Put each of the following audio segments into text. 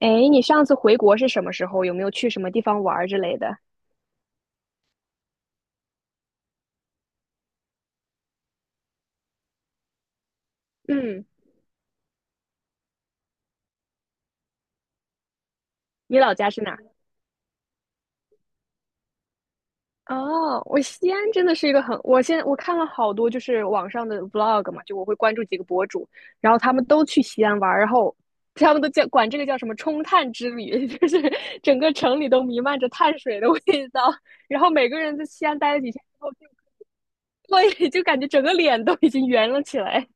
哎，你上次回国是什么时候？有没有去什么地方玩儿之类的？嗯，你老家是哪儿？哦，我西安真的是一个很，我现在我看了好多就是网上的 vlog 嘛，就我会关注几个博主，然后他们都去西安玩儿，然后他们都叫管这个叫什么冲碳之旅，就是整个城里都弥漫着碳水的味道，然后每个人在西安待了几天之后，就，对，就感觉整个脸都已经圆了起来。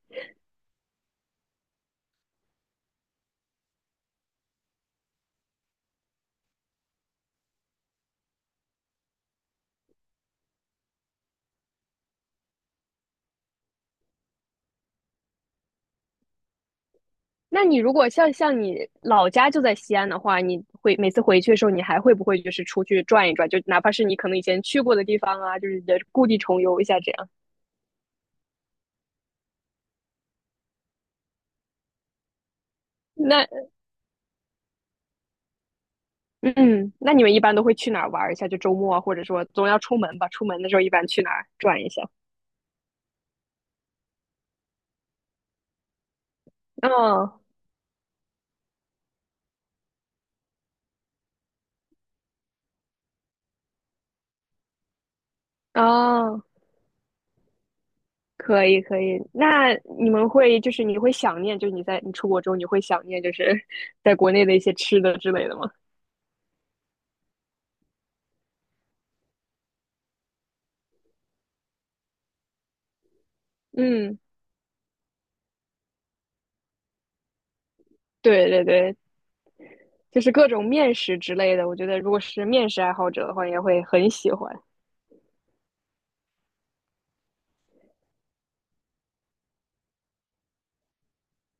那你如果像你老家就在西安的话，你会每次回去的时候，你还会不会就是出去转一转？就哪怕是你可能以前去过的地方啊，就是也故地重游一下这样。那嗯，那你们一般都会去哪儿玩一下？就周末啊，或者说总要出门吧？出门的时候一般去哪儿转一下？哦哦，可以可以。那你们会就是你会想念，就是你在你出国之后，你会想念就是 在国内的一些吃的之类的吗？嗯，对对对，就是各种面食之类的，我觉得如果是面食爱好者的话，也会很喜欢。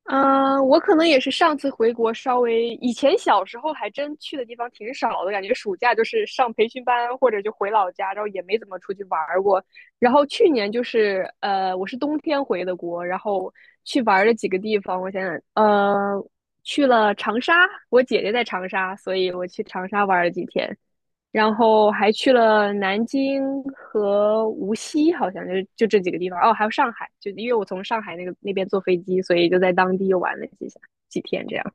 啊、我可能也是上次回国稍微，以前小时候还真去的地方挺少的，感觉暑假就是上培训班或者就回老家，然后也没怎么出去玩过。然后去年就是我是冬天回的国，然后去玩了几个地方，我想想，去了长沙，我姐姐在长沙，所以我去长沙玩了几天。然后还去了南京和无锡，好像就这几个地方。哦，还有上海，就因为我从上海那边坐飞机，所以就在当地又玩了几下几天这样。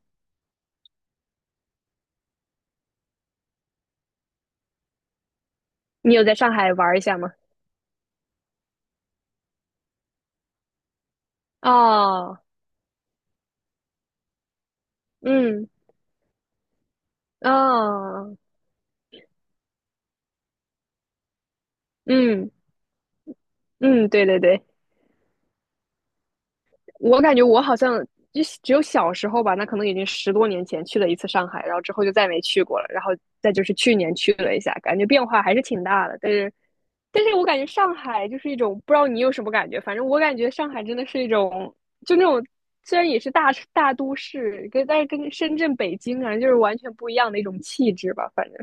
你有在上海玩一下吗？哦，嗯，哦，嗯嗯，对对对，我感觉我好像就只有小时候吧，那可能已经十多年前去了一次上海，然后之后就再没去过了。然后再就是去年去了一下，感觉变化还是挺大的，但是我感觉上海就是一种不知道你有什么感觉，反正我感觉上海真的是一种，就那种虽然也是大大都市，但是跟深圳、北京啊，就是完全不一样的一种气质吧。反正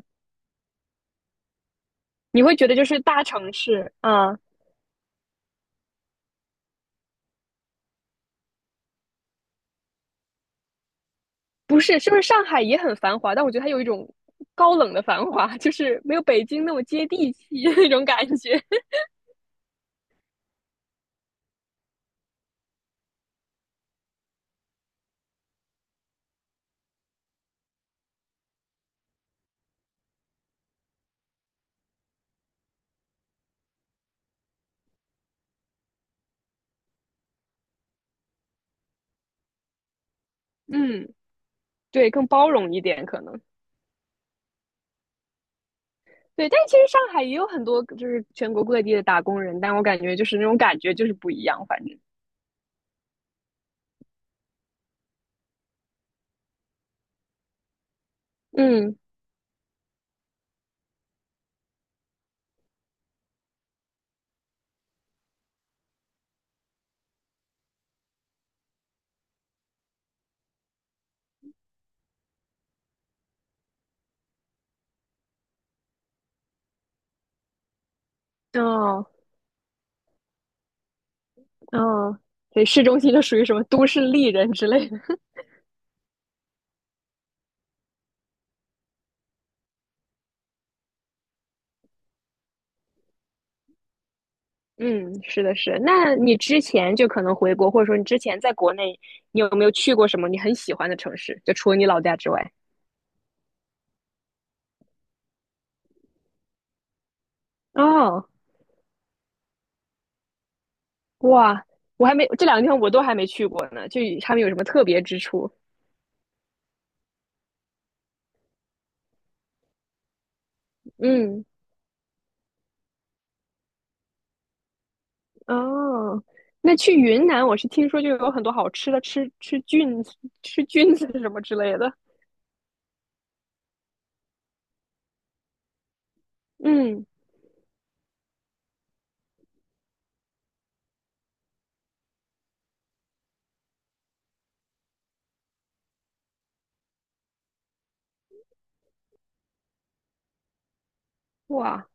你会觉得就是大城市啊，嗯不是，是不是上海也很繁华？但我觉得它有一种高冷的繁华，就是没有北京那么接地气的那种感觉。嗯，对，更包容一点可能。对，但其实上海也有很多就是全国各地的打工人，但我感觉就是那种感觉就是不一样，反正。嗯，哦哦，所以市中心就属于什么都市丽人之类的。嗯，是的，是的。那你之前就可能回国，或者说你之前在国内，你有没有去过什么你很喜欢的城市？就除了你老家之外。哦，哇，我还没，这两个地方我都还没去过呢，就他们有什么特别之处？嗯，哦，那去云南，我是听说就有很多好吃的，吃吃菌子、吃菌子什么之类的。嗯，哇，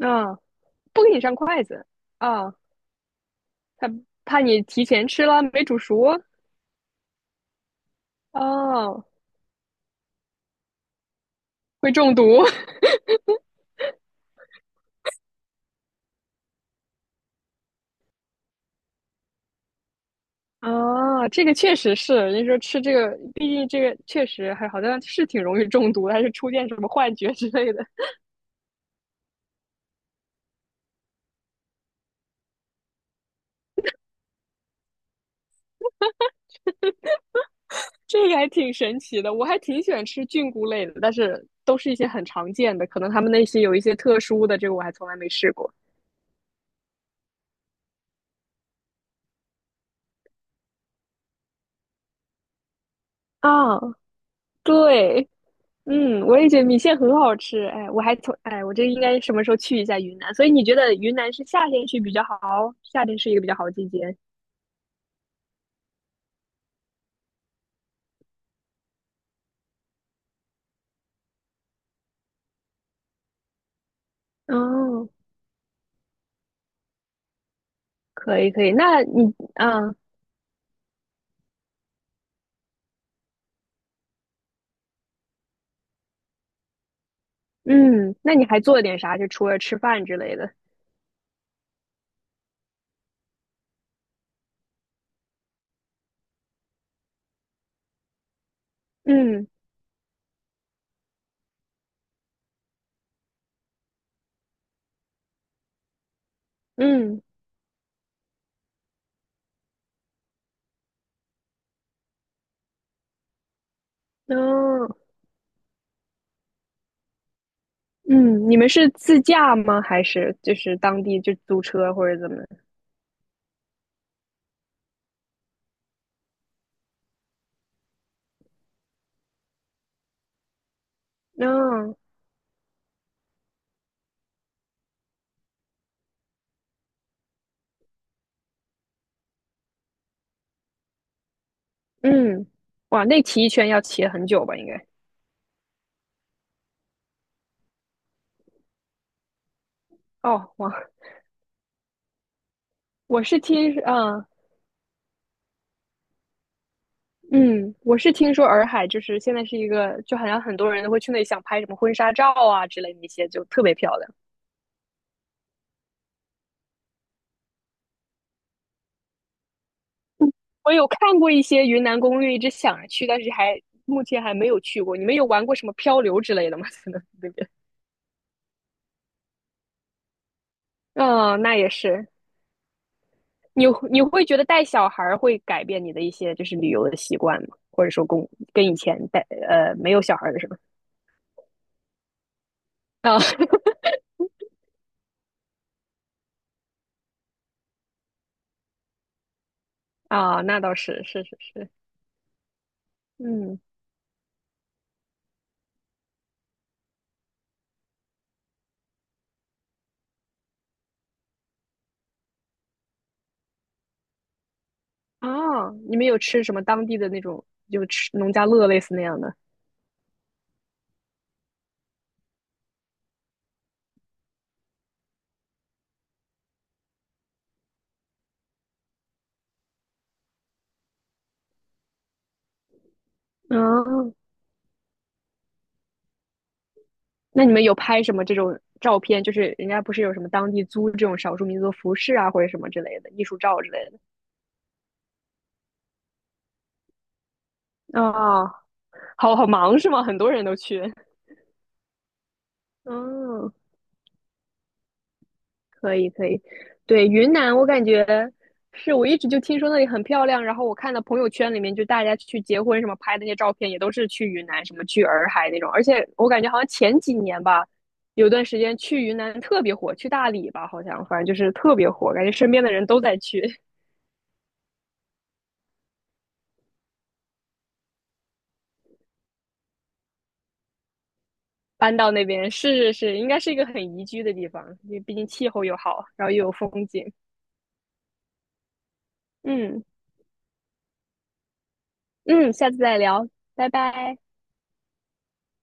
啊、不给你上筷子啊、哦他怕你提前吃了没煮熟，哦，会中毒啊 这个确实是，人家说吃这个，毕竟这个确实还好像是挺容易中毒的，还是出现什么幻觉之类的，这个还挺神奇的。我还挺喜欢吃菌菇类的，但是都是一些很常见的，可能他们那些有一些特殊的，这个我还从来没试过啊。对，嗯，我也觉得米线很好吃。哎，我还从哎，我这应该什么时候去一下云南？所以你觉得云南是夏天去比较好？夏天是一个比较好的季节。哦，可以可以。那你啊，嗯，那你还做了点啥？就除了吃饭之类的。嗯嗯哦嗯，你们是自驾吗？还是就是当地就租车或者怎么？嗯嗯，哇，那骑一圈要骑很久吧？应该。哦，哇，我是听，嗯嗯，我是听说洱海就是现在是一个，就好像很多人都会去那里想拍什么婚纱照啊之类的一些，就特别漂亮。我有看过一些云南攻略，一直想着去，但是还目前还没有去过。你们有玩过什么漂流之类的吗？在那边？嗯，那也是。你你会觉得带小孩儿会改变你的一些就是旅游的习惯吗？或者说跟以前带没有小孩儿的时候？啊 啊，那倒是是是是，嗯。哦，你们有吃什么当地的那种，就吃农家乐类似那样的？哦，那你们有拍什么这种照片？就是人家不是有什么当地租这种少数民族服饰啊，或者什么之类的艺术照之类的？啊，好好忙是吗？很多人都去。嗯。可以可以，对，云南我感觉是我一直就听说那里很漂亮，然后我看到朋友圈里面就大家去结婚什么拍的那些照片，也都是去云南什么去洱海那种，而且我感觉好像前几年吧，有段时间去云南特别火，去大理吧好像，反正就是特别火，感觉身边的人都在去搬到那边，是是是，应该是一个很宜居的地方，因为毕竟气候又好，然后又有风景。嗯嗯，下次再聊，拜拜。